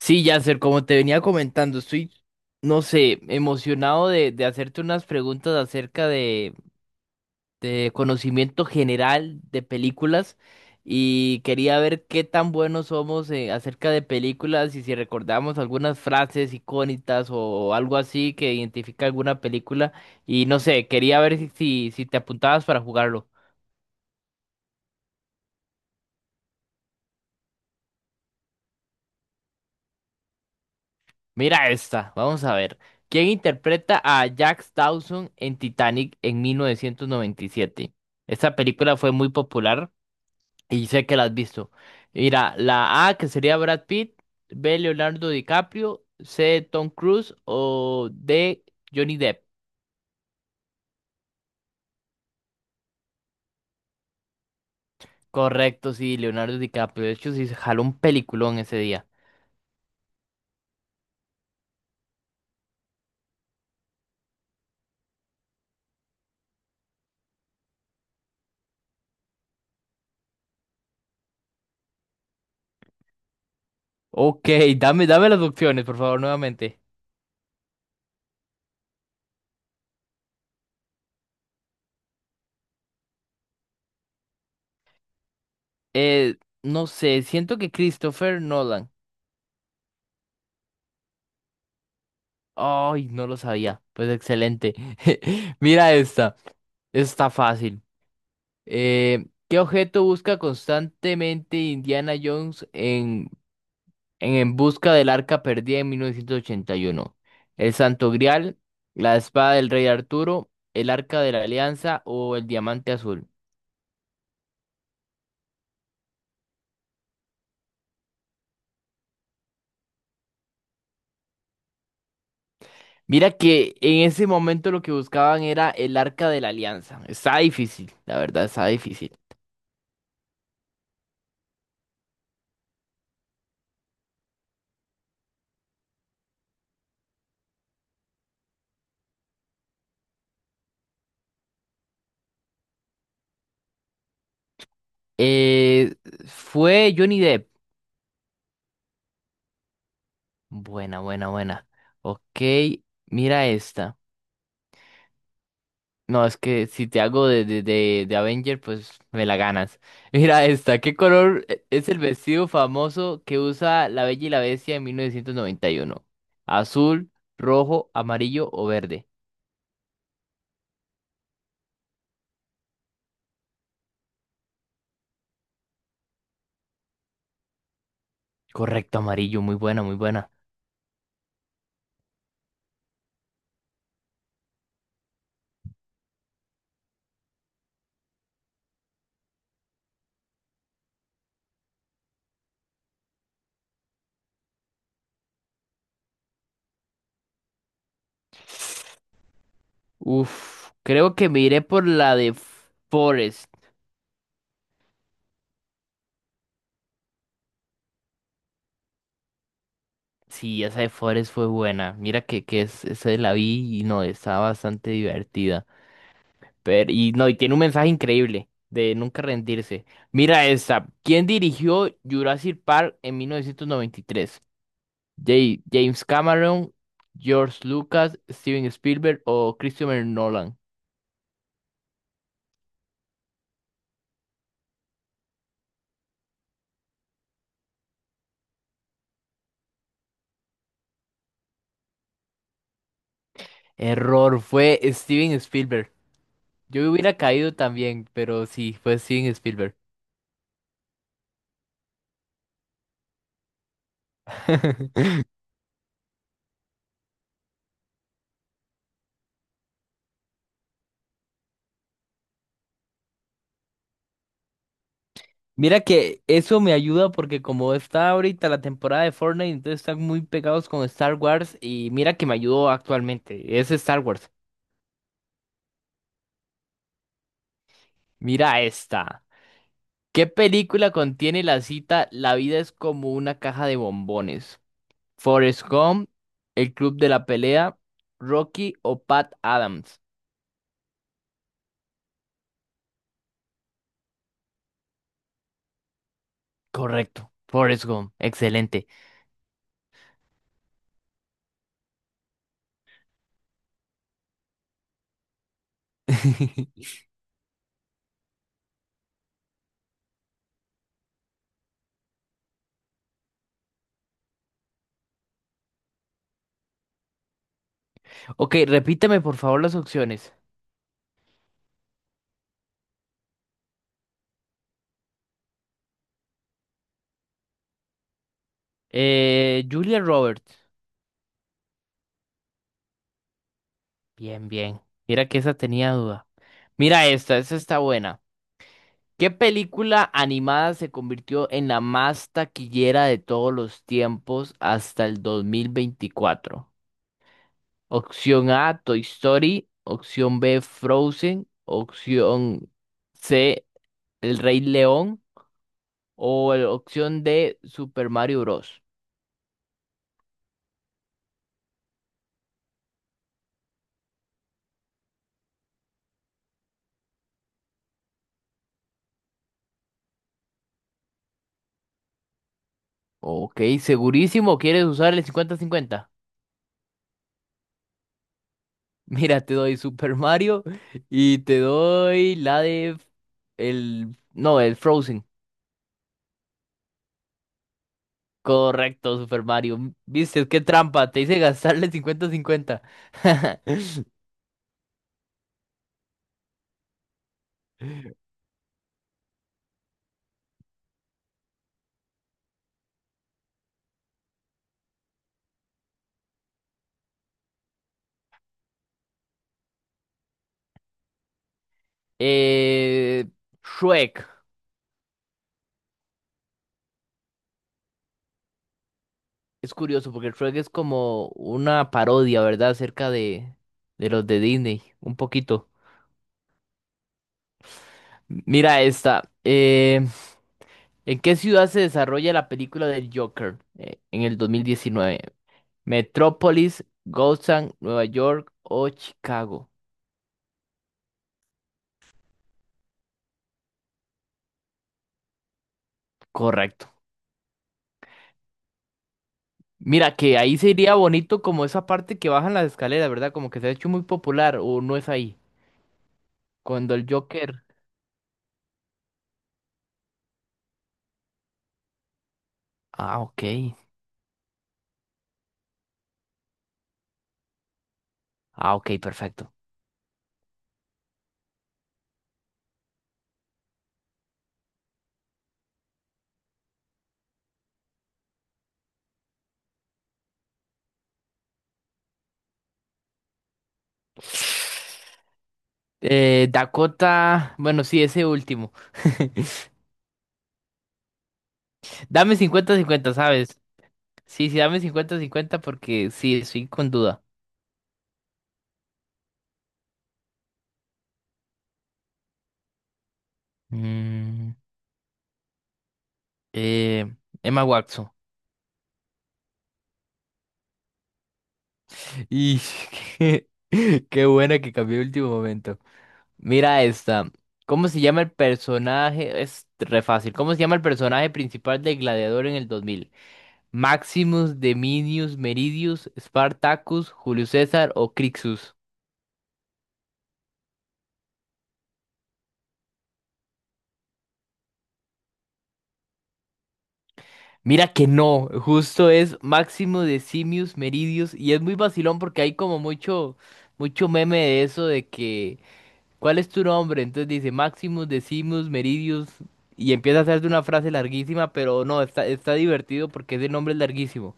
Sí, Yasser, como te venía comentando, no sé, emocionado de hacerte unas preguntas acerca de conocimiento general de películas y quería ver qué tan buenos somos acerca de películas y si recordamos algunas frases icónicas algo así que identifica alguna película y no sé, quería ver si te apuntabas para jugarlo. Mira esta, vamos a ver. ¿Quién interpreta a Jack Dawson en Titanic en 1997? Esta película fue muy popular y sé que la has visto. Mira, la A que sería Brad Pitt, B Leonardo DiCaprio, C Tom Cruise o D Johnny Depp. Correcto, sí, Leonardo DiCaprio. De hecho, sí se jaló un peliculón ese día. Ok, dame las opciones, por favor, nuevamente. Eh, no sé, siento que Christopher Nolan. Ay, no lo sabía. Pues excelente. Mira esta. Está fácil. ¿Qué objeto busca constantemente Indiana Jones en busca del arca perdida en 1981? ¿El Santo Grial, la espada del rey Arturo, el arca de la Alianza o el diamante azul? Mira que en ese momento lo que buscaban era el arca de la Alianza. Está difícil, la verdad, está difícil. Eh, fue Johnny Depp. Buena, buena, buena. Ok, mira esta. No, es que si te hago de Avenger, pues me la ganas. Mira esta. ¿Qué color es el vestido famoso que usa la Bella y la Bestia en 1991? ¿Azul, rojo, amarillo o verde? Correcto, amarillo. Muy buena, muy buena. Uf, creo que me iré por la de Forest. Sí, esa de Forest fue buena. Mira que esa la vi y no, estaba bastante divertida. Pero, y no, y tiene un mensaje increíble de nunca rendirse. Mira esta. ¿Quién dirigió Jurassic Park en 1993? James Cameron, George Lucas, Steven Spielberg o Christopher Nolan. Error, fue Steven Spielberg. Yo hubiera caído también, pero sí, fue Steven Spielberg. Mira que eso me ayuda porque como está ahorita la temporada de Fortnite, entonces están muy pegados con Star Wars y mira que me ayudó actualmente. Es Star Wars. Mira esta. ¿Qué película contiene la cita La vida es como una caja de bombones? ¿Forrest Gump, El Club de la Pelea, Rocky o Pat Adams? Correcto, Forrest Gump, excelente. Ok, repíteme por favor las opciones. Julia Roberts. Bien, bien. Mira que esa tenía duda. Mira esta, esa está buena. ¿Qué película animada se convirtió en la más taquillera de todos los tiempos hasta el 2024? Opción A, Toy Story. Opción B, Frozen. Opción C, El Rey León. O opción D, Super Mario Bros. Ok, segurísimo, ¿quieres usar el 50-50? Mira, te doy Super Mario y te doy la de... El... No, el Frozen. Correcto, Super Mario. Viste, qué trampa. Te hice gastarle 50 50. Eh, Shrek. Es curioso porque Shrek es como una parodia, ¿verdad? Acerca de los de Disney. Un poquito. Mira esta. ¿En qué ciudad se desarrolla la película del Joker en el 2019? ¿Metrópolis, Gotham, Nueva York o Chicago? Correcto. Mira, que ahí sería bonito como esa parte que bajan las escaleras, ¿verdad? Como que se ha hecho muy popular, o no es ahí. Cuando el Joker. Ah, ok. Ah, ok, perfecto. Dakota. Bueno, sí, ese último. Dame cincuenta, cincuenta, ¿sabes? Sí, sí, dame cincuenta, cincuenta, porque sí, estoy con duda. Mm, eh, Emma Watson. Y qué, qué buena que cambió el último momento. Mira esta. ¿Cómo se llama el personaje? Es re fácil. ¿Cómo se llama el personaje principal de Gladiador en el 2000? ¿Maximus, Deminius, Meridius, Spartacus, Julio César o Crixus? Mira que no, justo es Maximus, Decimus, Meridius y es muy vacilón porque hay como mucho meme de eso de que ¿cuál es tu nombre? Entonces dice Maximus, Decimus, Meridius y empieza a hacerte una frase larguísima, pero no, está divertido porque ese nombre es larguísimo.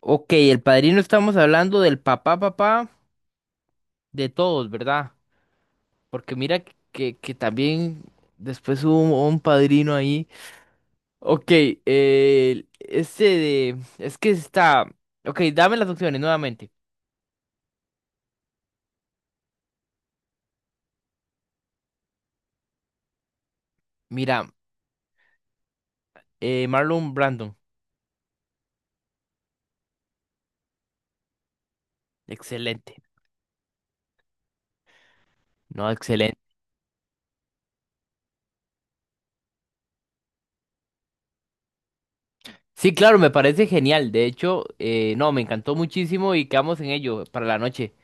Ok, el padrino estamos hablando del papá, de todos, ¿verdad? Porque mira que también después hubo un padrino ahí. Ok, este de... Es que está... Ok, dame las opciones nuevamente. Mira, Marlon Brandon. Excelente. No, excelente. Sí, claro, me parece genial. De hecho, no, me encantó muchísimo y quedamos en ello para la noche.